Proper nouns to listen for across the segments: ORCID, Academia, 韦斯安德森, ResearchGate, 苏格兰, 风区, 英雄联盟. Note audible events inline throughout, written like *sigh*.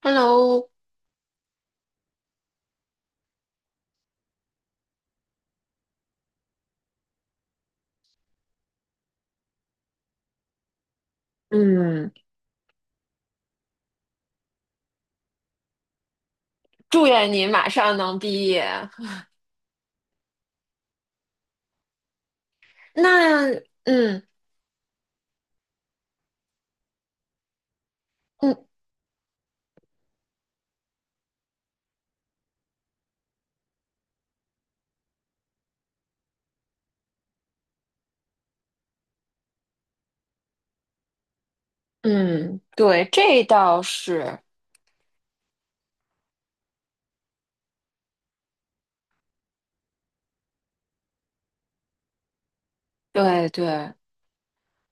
Hello，嗯，祝愿你马上能毕业。那，嗯嗯嗯，对，这倒是，对对。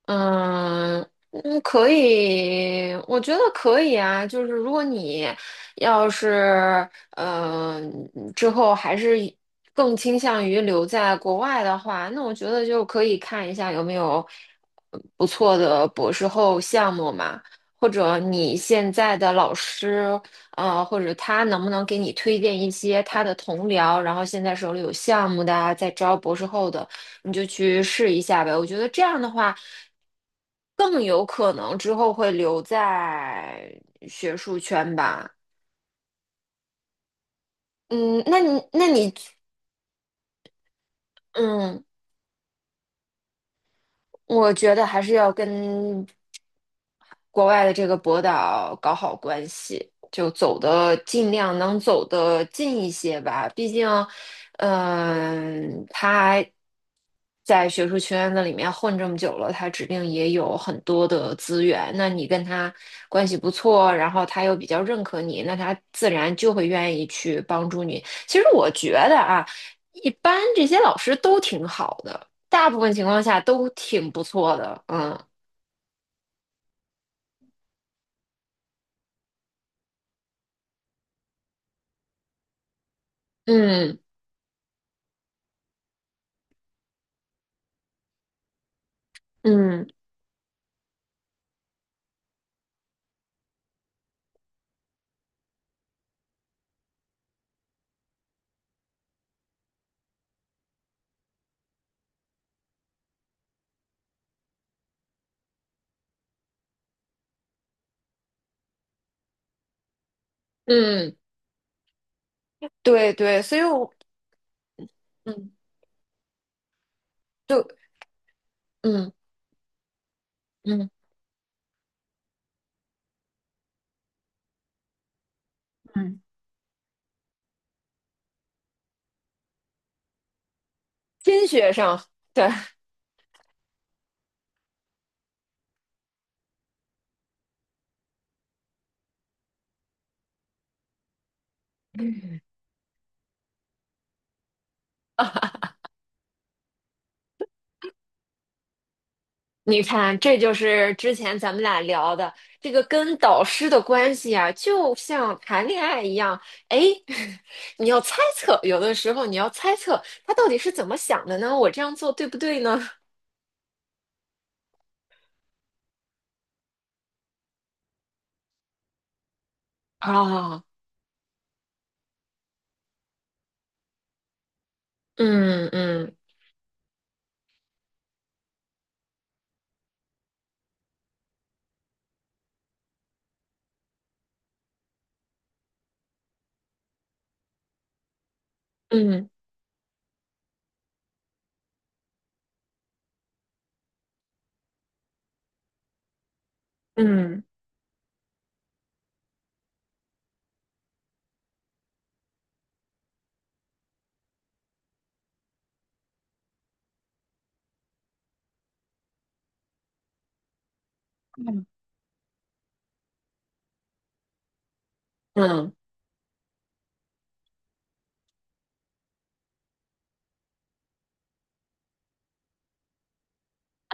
嗯嗯，可以，我觉得可以啊。就是如果你要是嗯，之后还是更倾向于留在国外的话，那我觉得就可以看一下有没有不错的博士后项目嘛，或者你现在的老师，或者他能不能给你推荐一些他的同僚，然后现在手里有项目的啊，在招博士后的。你就去试一下呗。我觉得这样的话，更有可能之后会留在学术圈吧。嗯，那你，那你，嗯。我觉得还是要跟国外的这个博导搞好关系，就走的尽量能走得近一些吧。毕竟，他在学术圈子里面混这么久了，他指定也有很多的资源。那你跟他关系不错，然后他又比较认可你，那他自然就会愿意去帮助你。其实我觉得啊，一般这些老师都挺好的。大部分情况下都挺不错的，嗯嗯嗯嗯，对对，所以我嗯就嗯嗯嗯，金学生，对，你看，这就是之前咱们俩聊的这个跟导师的关系啊，就像谈恋爱一样，哎，*laughs* 你要猜测，有的时候你要猜测他到底是怎么想的呢？我这样做对不对呢？啊，*laughs* 嗯嗯嗯嗯嗯嗯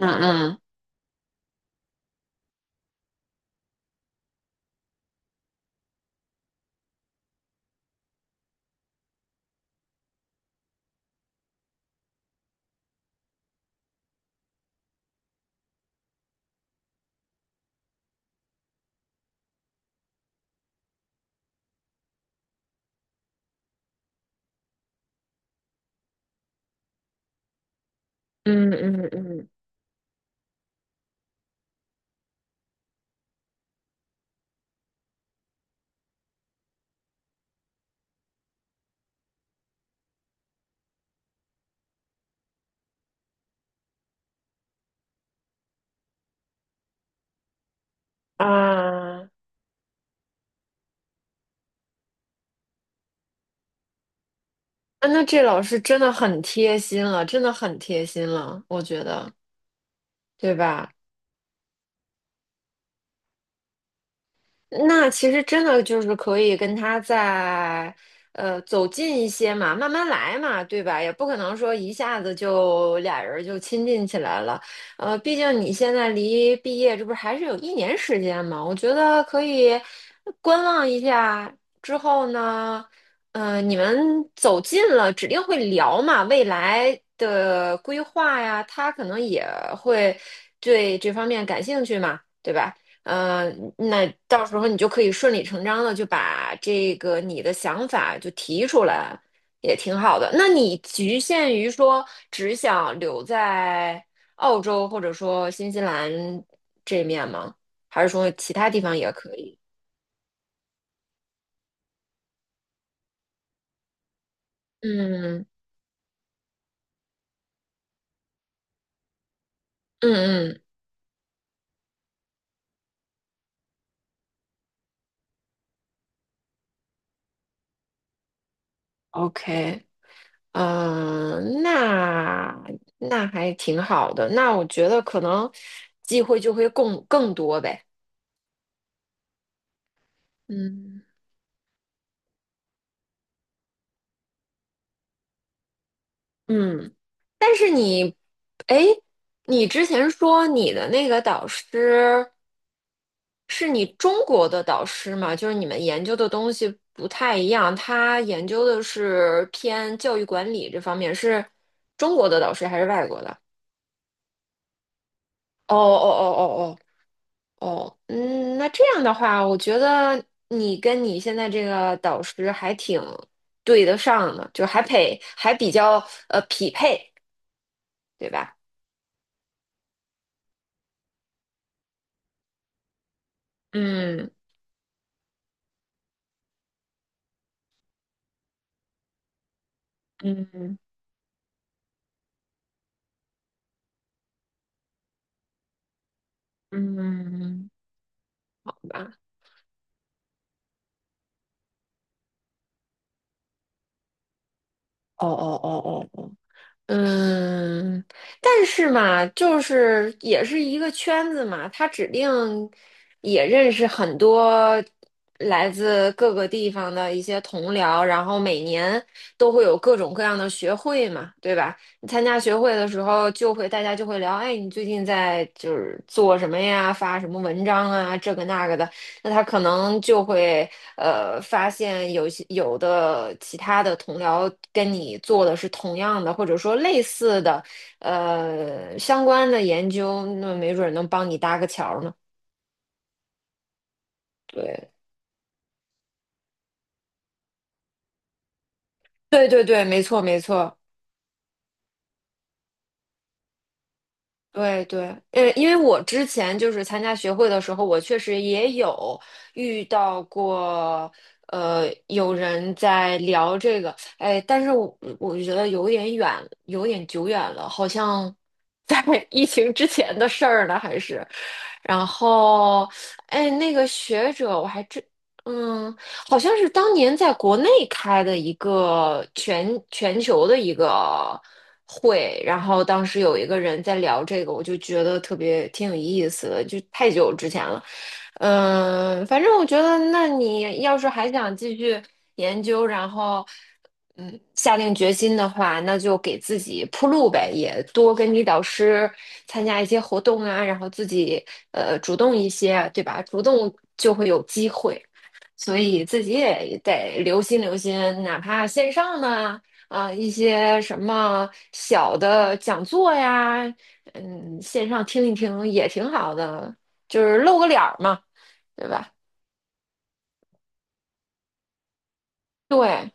嗯嗯。嗯嗯嗯啊，啊那这老师真的很贴心了，真的很贴心了，我觉得，对吧？那其实真的就是可以跟他再，走近一些嘛，慢慢来嘛，对吧？也不可能说一下子就俩人就亲近起来了。毕竟你现在离毕业这不是还是有一年时间嘛，我觉得可以观望一下。之后呢，你们走近了，指定会聊嘛，未来的规划呀，他可能也会对这方面感兴趣嘛，对吧？嗯，那到时候你就可以顺理成章的就把这个你的想法就提出来，也挺好的。那你局限于说只想留在澳洲或者说新西兰这面吗？还是说其他地方也可以？嗯嗯嗯，OK，嗯、那还挺好的。那我觉得可能机会就会更多呗。嗯嗯。但是你，哎，你之前说你的那个导师是你中国的导师吗？就是你们研究的东西不太一样，他研究的是偏教育管理这方面，是中国的导师还是外国的？哦哦哦哦哦哦，嗯，那这样的话，我觉得你跟你现在这个导师还挺对得上的，就还配还比较匹配，对吧？嗯嗯嗯。吧。哦哦哦哦哦，嗯，但是嘛，就是也是一个圈子嘛，他指定也认识很多来自各个地方的一些同僚，然后每年都会有各种各样的学会嘛，对吧？你参加学会的时候，就会大家就会聊，哎，你最近在就是做什么呀，发什么文章啊，这个那个的。那他可能就会发现有的其他的同僚跟你做的是同样的，或者说类似的相关的研究，那没准儿能帮你搭个桥儿呢。对，对对对，没错没错。对对，因为我之前就是参加学会的时候，我确实也有遇到过，有人在聊这个，哎，但是我觉得有点远，有点久远了，好像在 *laughs* 疫情之前的事儿呢，还是，然后，哎，那个学者我还真，嗯，好像是当年在国内开的一个全球的一个会，然后当时有一个人在聊这个，我就觉得特别挺有意思的，就太久之前了。嗯，反正我觉得，那你要是还想继续研究，然后下定决心的话，那就给自己铺路呗，也多跟你导师参加一些活动啊，然后自己主动一些，对吧？主动就会有机会。所以自己也得留心留心，哪怕线上呢，啊、一些什么小的讲座呀，嗯，线上听一听也挺好的，就是露个脸儿嘛，对吧？对，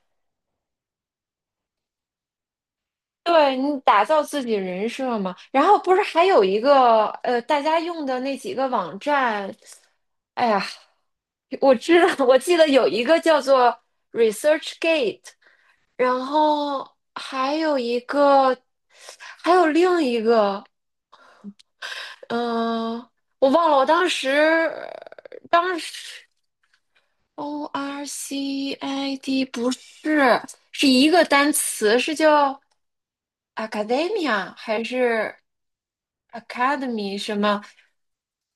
对你打造自己人设嘛。然后不是还有一个大家用的那几个网站，哎呀，我知道，我记得有一个叫做 ResearchGate。然后还有一个，还有另一个，嗯、我忘了，我当时 ORCID 不是，是一个单词，是叫 Academia 还是 Academy 什么？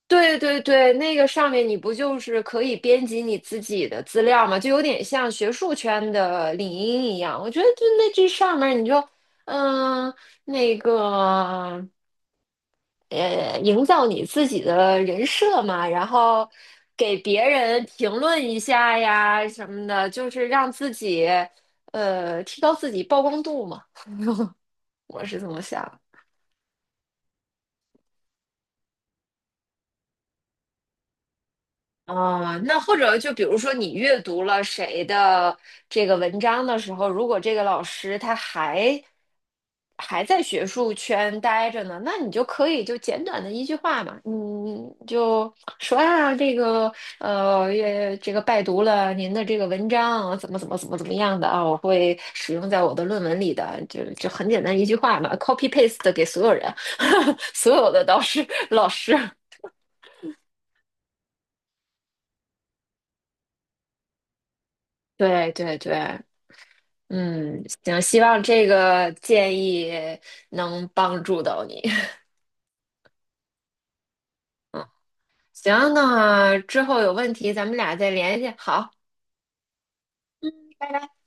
对对对，那个上面你不就是可以编辑你自己的资料吗？就有点像学术圈的领英一样。我觉得就那这上面你就嗯那个营造你自己的人设嘛，然后给别人评论一下呀什么的，就是让自己提高自己曝光度嘛。我是这么想。啊，那或者就比如说你阅读了谁的这个文章的时候，如果这个老师他还在学术圈待着呢，那你就可以就简短的一句话嘛，嗯，就说啊，这个也这个拜读了您的这个文章，怎么怎么怎么怎么样的啊，我会使用在我的论文里的，就很简单一句话嘛，copy paste 给所有人，*laughs* 所有的导师老师，*laughs* 对对对，嗯，行，希望这个建议能帮助到你。*laughs* 行，那之后有问题咱们俩再联系。好，拜拜。